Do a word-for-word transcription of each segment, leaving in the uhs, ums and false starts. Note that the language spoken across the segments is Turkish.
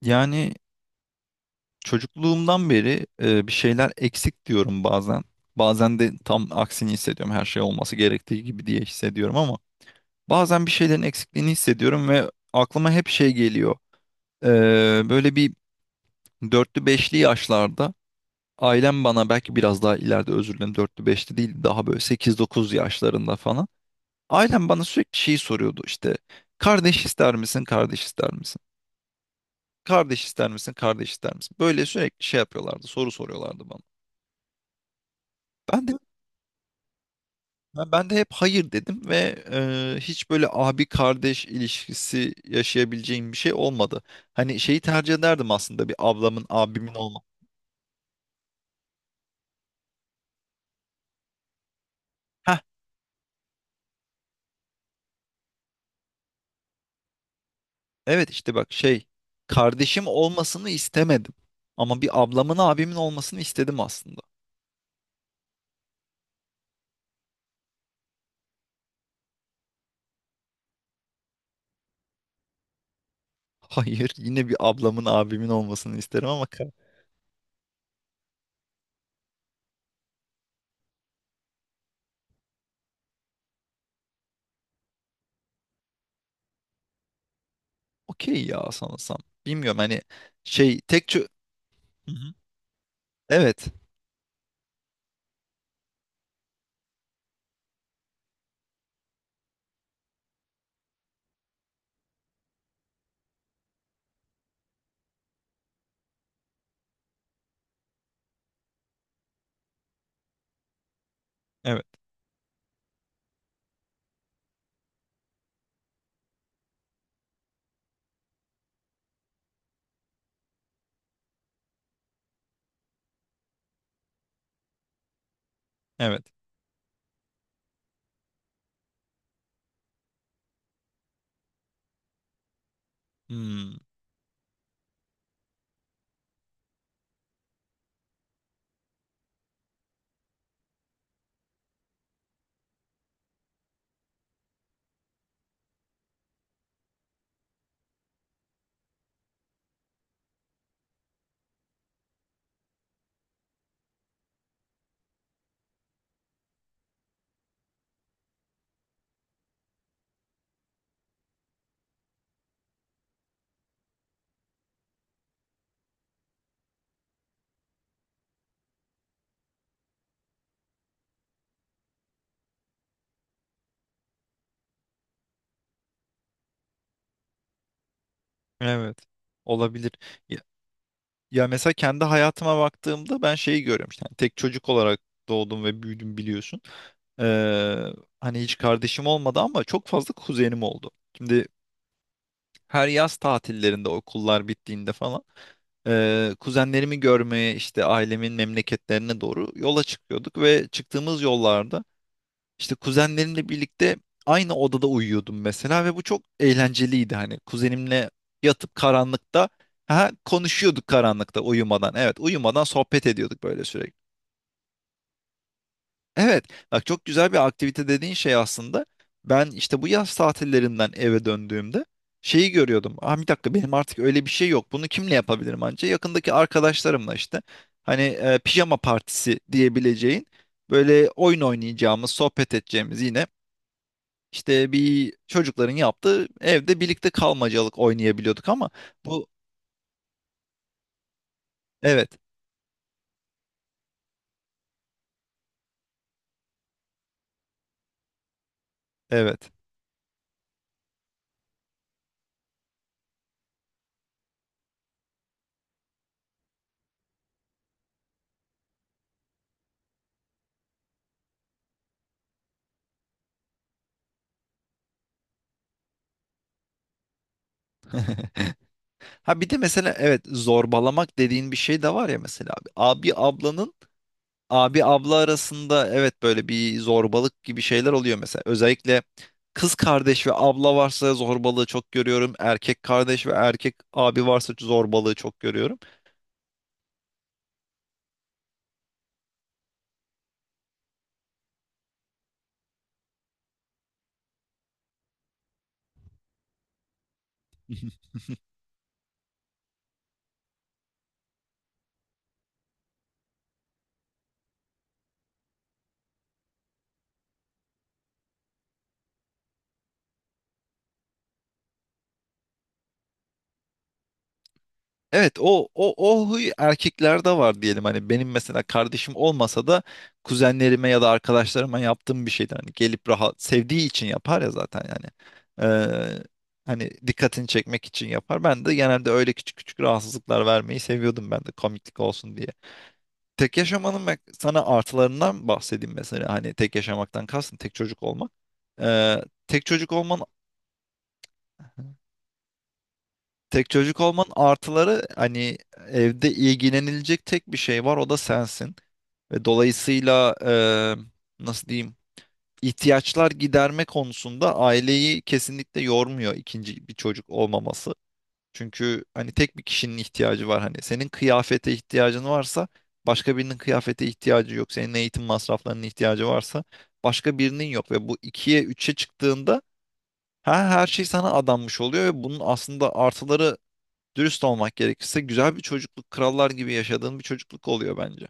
Yani çocukluğumdan beri e, bir şeyler eksik diyorum bazen. Bazen de tam aksini hissediyorum. Her şey olması gerektiği gibi diye hissediyorum ama bazen bir şeylerin eksikliğini hissediyorum ve aklıma hep şey geliyor. E, Böyle bir dörtlü beşli yaşlarda ailem bana belki biraz daha ileride, özür dilerim, dörtlü beşli değil, daha böyle sekiz dokuz yaşlarında falan. Ailem bana sürekli şeyi soruyordu işte, kardeş ister misin, kardeş ister misin? Kardeş ister misin, kardeş ister misin? Böyle sürekli şey yapıyorlardı, soru soruyorlardı bana. Ben de ben ben de hep hayır dedim ve e, hiç böyle abi kardeş ilişkisi yaşayabileceğim bir şey olmadı. Hani şeyi tercih ederdim aslında, bir ablamın abimin olma. Heh, evet işte bak şey, kardeşim olmasını istemedim. Ama bir ablamın abimin olmasını istedim aslında. Hayır, yine bir ablamın abimin olmasını isterim ama ka- okey ya sanırsam. Bilmiyorum hani, şey tek çö- Hı hı. Evet evet evet. Hmm, evet, olabilir. Ya mesela kendi hayatıma baktığımda ben şeyi görüyorum, işte hani tek çocuk olarak doğdum ve büyüdüm, biliyorsun. Ee, Hani hiç kardeşim olmadı ama çok fazla kuzenim oldu. Şimdi her yaz tatillerinde, okullar bittiğinde falan, ee, kuzenlerimi görmeye işte ailemin memleketlerine doğru yola çıkıyorduk ve çıktığımız yollarda işte kuzenlerimle birlikte aynı odada uyuyordum mesela ve bu çok eğlenceliydi. Hani kuzenimle yatıp karanlıkta ha konuşuyorduk, karanlıkta, uyumadan. Evet, uyumadan sohbet ediyorduk böyle sürekli. Evet, bak çok güzel bir aktivite dediğin şey aslında. Ben işte bu yaz tatillerinden eve döndüğümde şeyi görüyordum. Ah, bir dakika, benim artık öyle bir şey yok. Bunu kimle yapabilirim anca? Yakındaki arkadaşlarımla işte. Hani e, pijama partisi diyebileceğin, böyle oyun oynayacağımız, sohbet edeceğimiz, yine işte bir çocukların yaptığı evde birlikte kalmacalık oynayabiliyorduk ama bu evet evet. Ha bir de mesela, evet, zorbalamak dediğin bir şey de var ya, mesela abi ablanın, abi abla arasında, evet, böyle bir zorbalık gibi şeyler oluyor mesela. Özellikle kız kardeş ve abla varsa zorbalığı çok görüyorum. Erkek kardeş ve erkek abi varsa zorbalığı çok görüyorum. Evet, o o o huy erkeklerde var diyelim. Hani benim mesela kardeşim olmasa da kuzenlerime ya da arkadaşlarıma yaptığım bir şeydir. Hani gelip rahat, sevdiği için yapar ya zaten yani. Ee, Hani dikkatini çekmek için yapar. Ben de genelde öyle küçük küçük rahatsızlıklar vermeyi seviyordum, ben de komiklik olsun diye. Tek yaşamanın ben sana artılarından bahsedeyim, mesela hani tek yaşamaktan kastım tek çocuk olmak. Ee, tek çocuk olman Tek çocuk olmanın artıları, hani evde ilgilenilecek tek bir şey var, o da sensin. Ve dolayısıyla, e, nasıl diyeyim, ihtiyaçlar giderme konusunda aileyi kesinlikle yormuyor ikinci bir çocuk olmaması. Çünkü hani tek bir kişinin ihtiyacı var. Hani senin kıyafete ihtiyacın varsa başka birinin kıyafete ihtiyacı yok. Senin eğitim masraflarının ihtiyacı varsa başka birinin yok. Ve bu ikiye üçe çıktığında, ha, her şey sana adanmış oluyor ve bunun aslında artıları, dürüst olmak gerekirse, güzel bir çocukluk, krallar gibi yaşadığın bir çocukluk oluyor bence.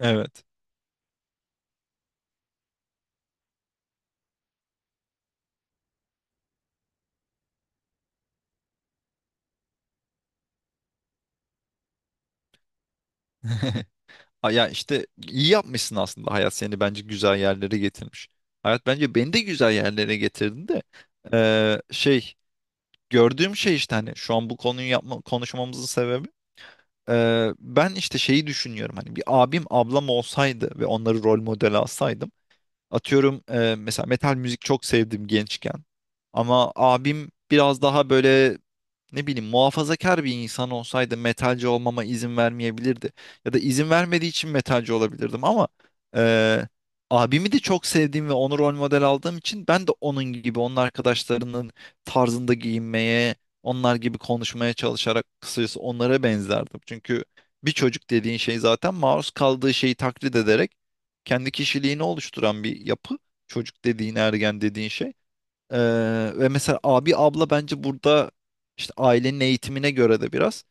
Evet. Ha, ya işte iyi yapmışsın aslında. Hayat seni bence güzel yerlere getirmiş. Hayat bence beni de güzel yerlere getirdi de, eee, şey, gördüğüm şey işte, hani şu an bu konuyu yapma, konuşmamızın sebebi, Ee, ben işte şeyi düşünüyorum, hani bir abim ablam olsaydı ve onları rol model alsaydım, atıyorum e, mesela metal müzik çok sevdim gençken, ama abim biraz daha böyle ne bileyim muhafazakar bir insan olsaydı metalci olmama izin vermeyebilirdi. Ya da izin vermediği için metalci olabilirdim ama eee, abimi de çok sevdiğim ve onu rol model aldığım için ben de onun gibi, onun arkadaşlarının tarzında giyinmeye, onlar gibi konuşmaya çalışarak, kısacası onlara benzerdim. Çünkü bir çocuk dediğin şey zaten maruz kaldığı şeyi taklit ederek kendi kişiliğini oluşturan bir yapı. Çocuk dediğin, ergen dediğin şey. Ee, Ve mesela abi abla bence burada, işte ailenin eğitimine göre de biraz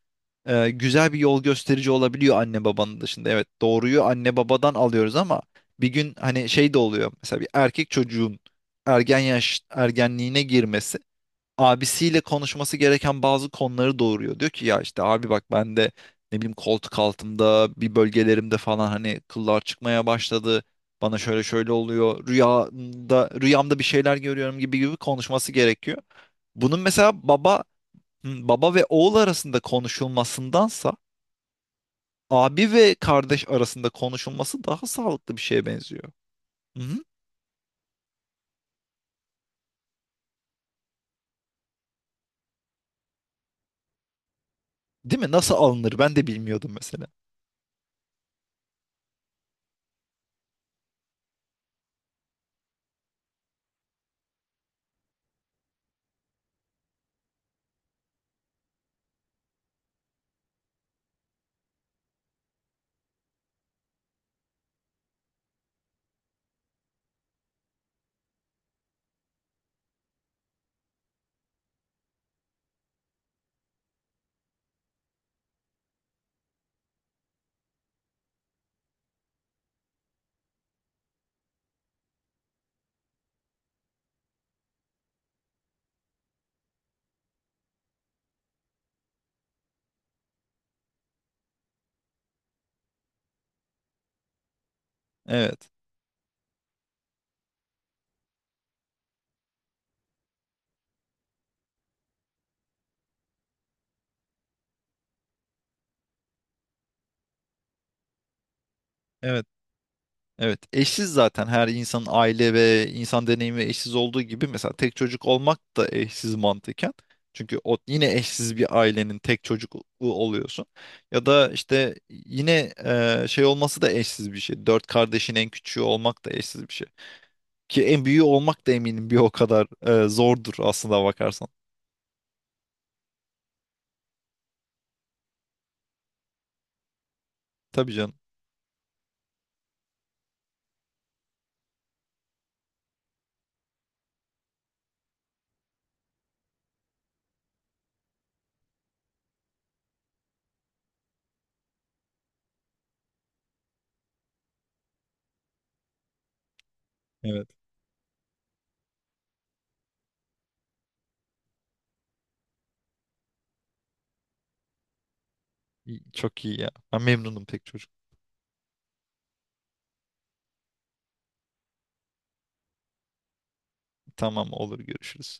e, güzel bir yol gösterici olabiliyor anne babanın dışında. Evet, doğruyu anne babadan alıyoruz ama bir gün hani şey de oluyor, mesela bir erkek çocuğun ergen yaş ergenliğine girmesi abisiyle konuşması gereken bazı konuları doğuruyor. Diyor ki ya işte abi bak, ben de ne bileyim koltuk altımda, bir bölgelerimde falan hani kıllar çıkmaya başladı. Bana şöyle şöyle oluyor. Rüyamda rüyamda bir şeyler görüyorum gibi gibi konuşması gerekiyor. Bunun mesela baba, hı, baba ve oğul arasında konuşulmasındansa abi ve kardeş arasında konuşulması daha sağlıklı bir şeye benziyor. Hı hı. Değil mi? Nasıl alınır? Ben de bilmiyordum mesela. Evet. Evet. Evet, eşsiz, zaten her insanın aile ve insan deneyimi eşsiz olduğu gibi, mesela tek çocuk olmak da eşsiz mantıken. Çünkü o yine eşsiz bir ailenin tek çocuğu oluyorsun. Ya da işte yine e, şey olması da eşsiz bir şey. Dört kardeşin en küçüğü olmak da eşsiz bir şey. Ki en büyüğü olmak da eminim bir o kadar e, zordur aslında bakarsan. Tabii canım. Evet. İyi- Çok iyi ya. Ben memnunum tek çocuk. Tamam, olur, görüşürüz.